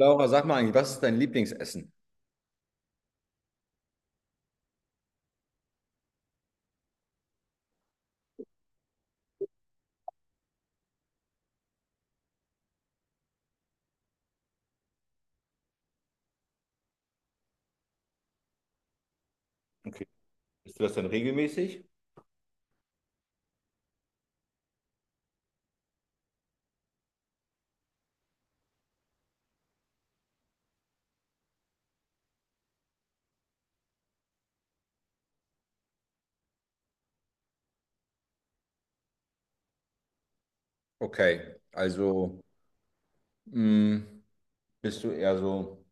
Laura, sag mal eigentlich, was ist dein Lieblingsessen? Okay. Isst du das denn regelmäßig? Okay, also mh, bist du eher so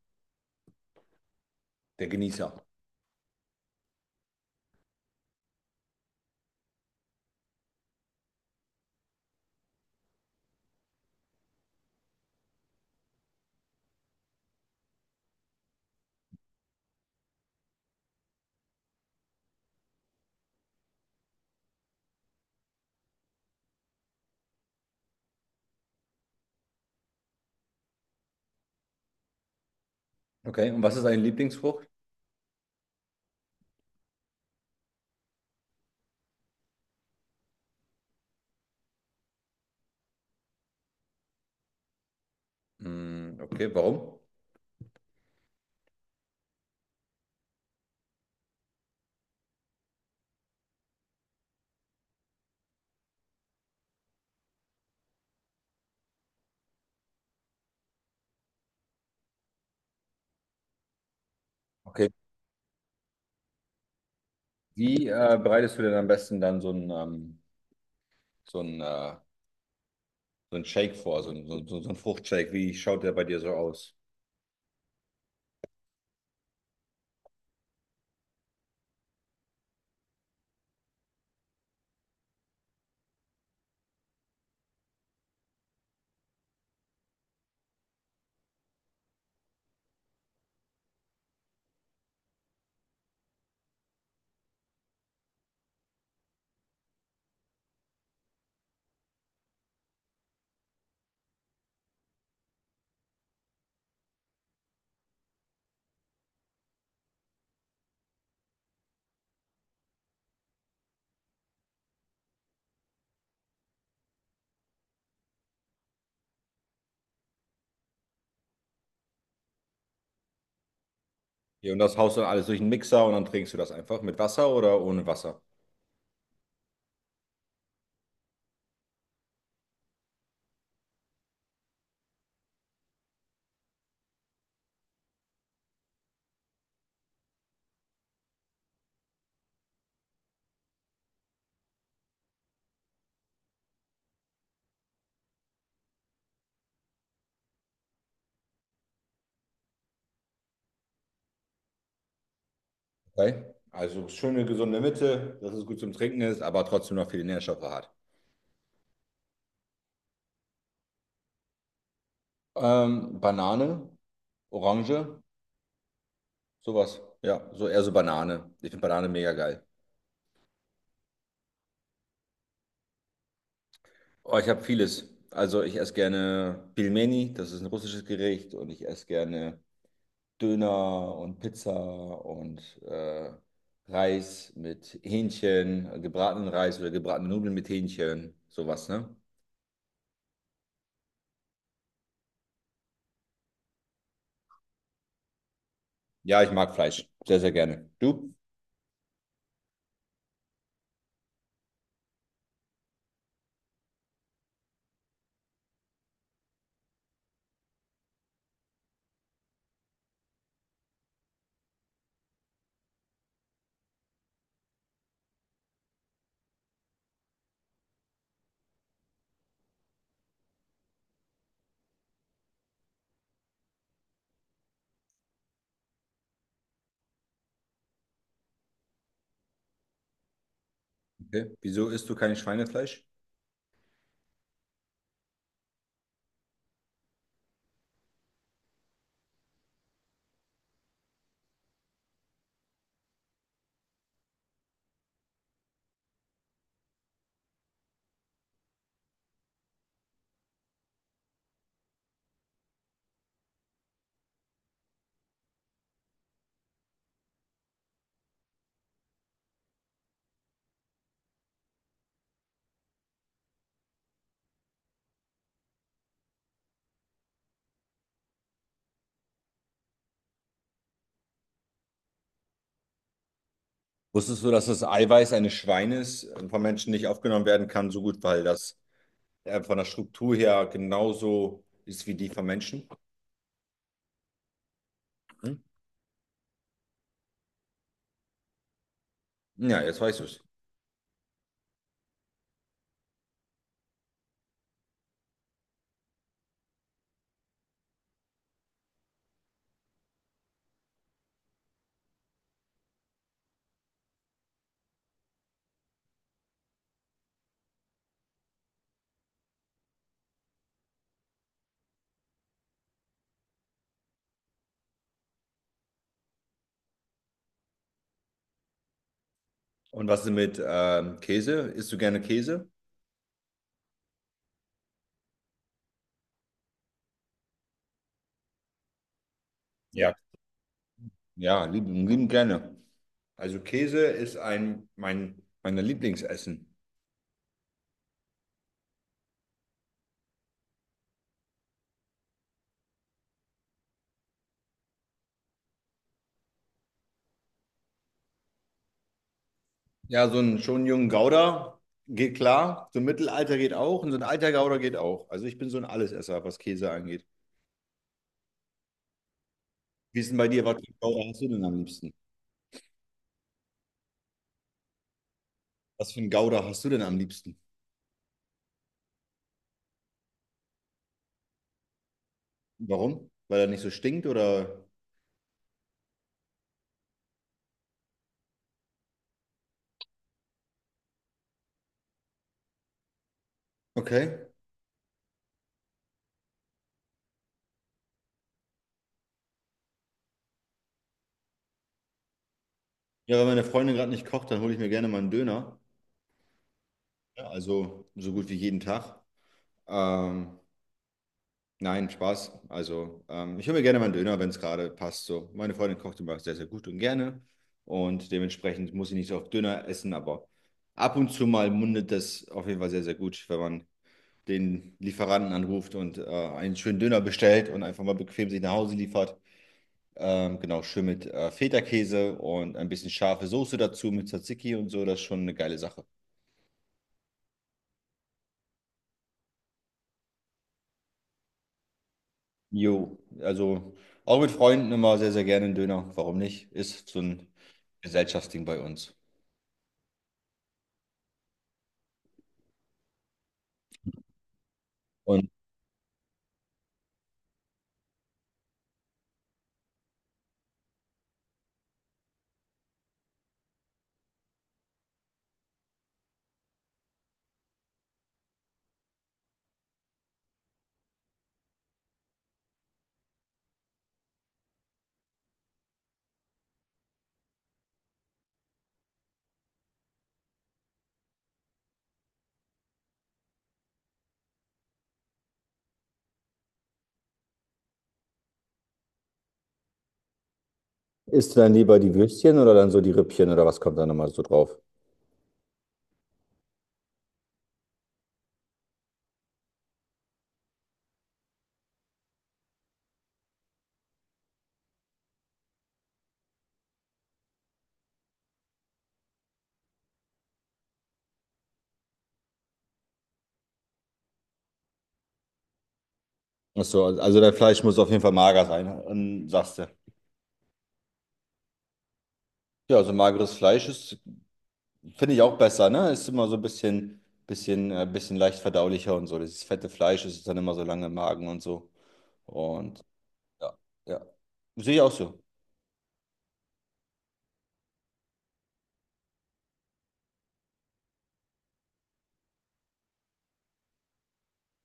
der Genießer. Okay, und was ist deine Lieblingsfrucht? Mm, okay, warum? Okay, wie bereitest du denn am besten dann so ein, äh, so ein Shake vor, so ein Fruchtshake? Wie schaut der bei dir so aus? Hier, und das haust du dann alles durch den Mixer und dann trinkst du das einfach mit Wasser oder ohne Wasser? Okay, also schöne gesunde Mitte, dass es gut zum Trinken ist, aber trotzdem noch viele Nährstoffe hat. Banane, Orange, sowas. Ja, so eher so Banane. Ich finde Banane mega geil. Oh, ich habe vieles. Also ich esse gerne Pilmeni, das ist ein russisches Gericht, und ich esse gerne Döner und Pizza und Reis mit Hähnchen, gebratenen Reis oder gebratene Nudeln mit Hähnchen, sowas, ne? Ja, ich mag Fleisch, sehr, sehr gerne. Du? Okay. Wieso isst du kein Schweinefleisch? Wusstest du, dass das Eiweiß eines Schweines von Menschen nicht aufgenommen werden kann, so gut, weil das von der Struktur her genauso ist wie die von Menschen? Hm? Ja, jetzt weißt du es. Und was ist mit Käse? Isst du gerne Käse? Ja. Ja, lieben, lieben gerne. Also Käse ist ein mein meiner Lieblingsessen. Ja, so ein schon jungen Gouda geht klar, so ein Mittelalter geht auch und so ein alter Gouda geht auch. Also ich bin so ein Allesesser, was Käse angeht. Wie ist denn bei dir, was für ein Gouda hast du denn am liebsten? Was für ein Gouda hast du denn am liebsten? Warum? Weil er nicht so stinkt oder? Okay. Ja, wenn meine Freundin gerade nicht kocht, dann hole ich mir gerne mal einen Döner. Ja, also so gut wie jeden Tag. Ähm, Nein, Spaß. Also, ich hole mir gerne mal einen Döner, wenn es gerade passt. So, meine Freundin kocht immer sehr, sehr gut und gerne. Und dementsprechend muss ich nicht so oft Döner essen, aber ab und zu mal mundet das auf jeden Fall sehr, sehr gut, wenn man den Lieferanten anruft und einen schönen Döner bestellt und einfach mal bequem sich nach Hause liefert. Genau, schön mit Feta-Käse und ein bisschen scharfe Soße dazu mit Tzatziki und so. Das ist schon eine geile Sache. Jo, also auch mit Freunden immer sehr, sehr gerne einen Döner. Warum nicht? Ist so ein Gesellschaftsding bei uns. Und isst du dann lieber die Würstchen oder dann so die Rippchen oder was kommt dann nochmal so drauf? Ach so, also dein Fleisch muss auf jeden Fall mager sein, sagst du. Ja, also mageres Fleisch ist, finde ich auch besser, ne? Ist immer so ein bisschen, bisschen leicht verdaulicher und so. Das fette Fleisch ist dann immer so lange im Magen und so. Und ja, ja. Sehe ich auch so.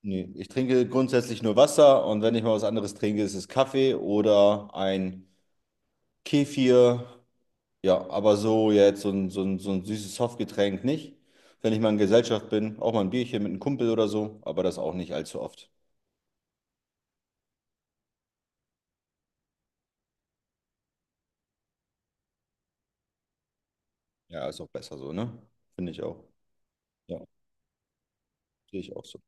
Nee, ich trinke grundsätzlich nur Wasser und wenn ich mal was anderes trinke, ist es Kaffee oder ein Kefir. Ja, aber so jetzt so ein süßes Softgetränk nicht. Wenn ich mal in Gesellschaft bin, auch mal ein Bierchen mit einem Kumpel oder so, aber das auch nicht allzu oft. Ja, ist auch besser so, ne? Finde ich auch. Ja, sehe ich auch so.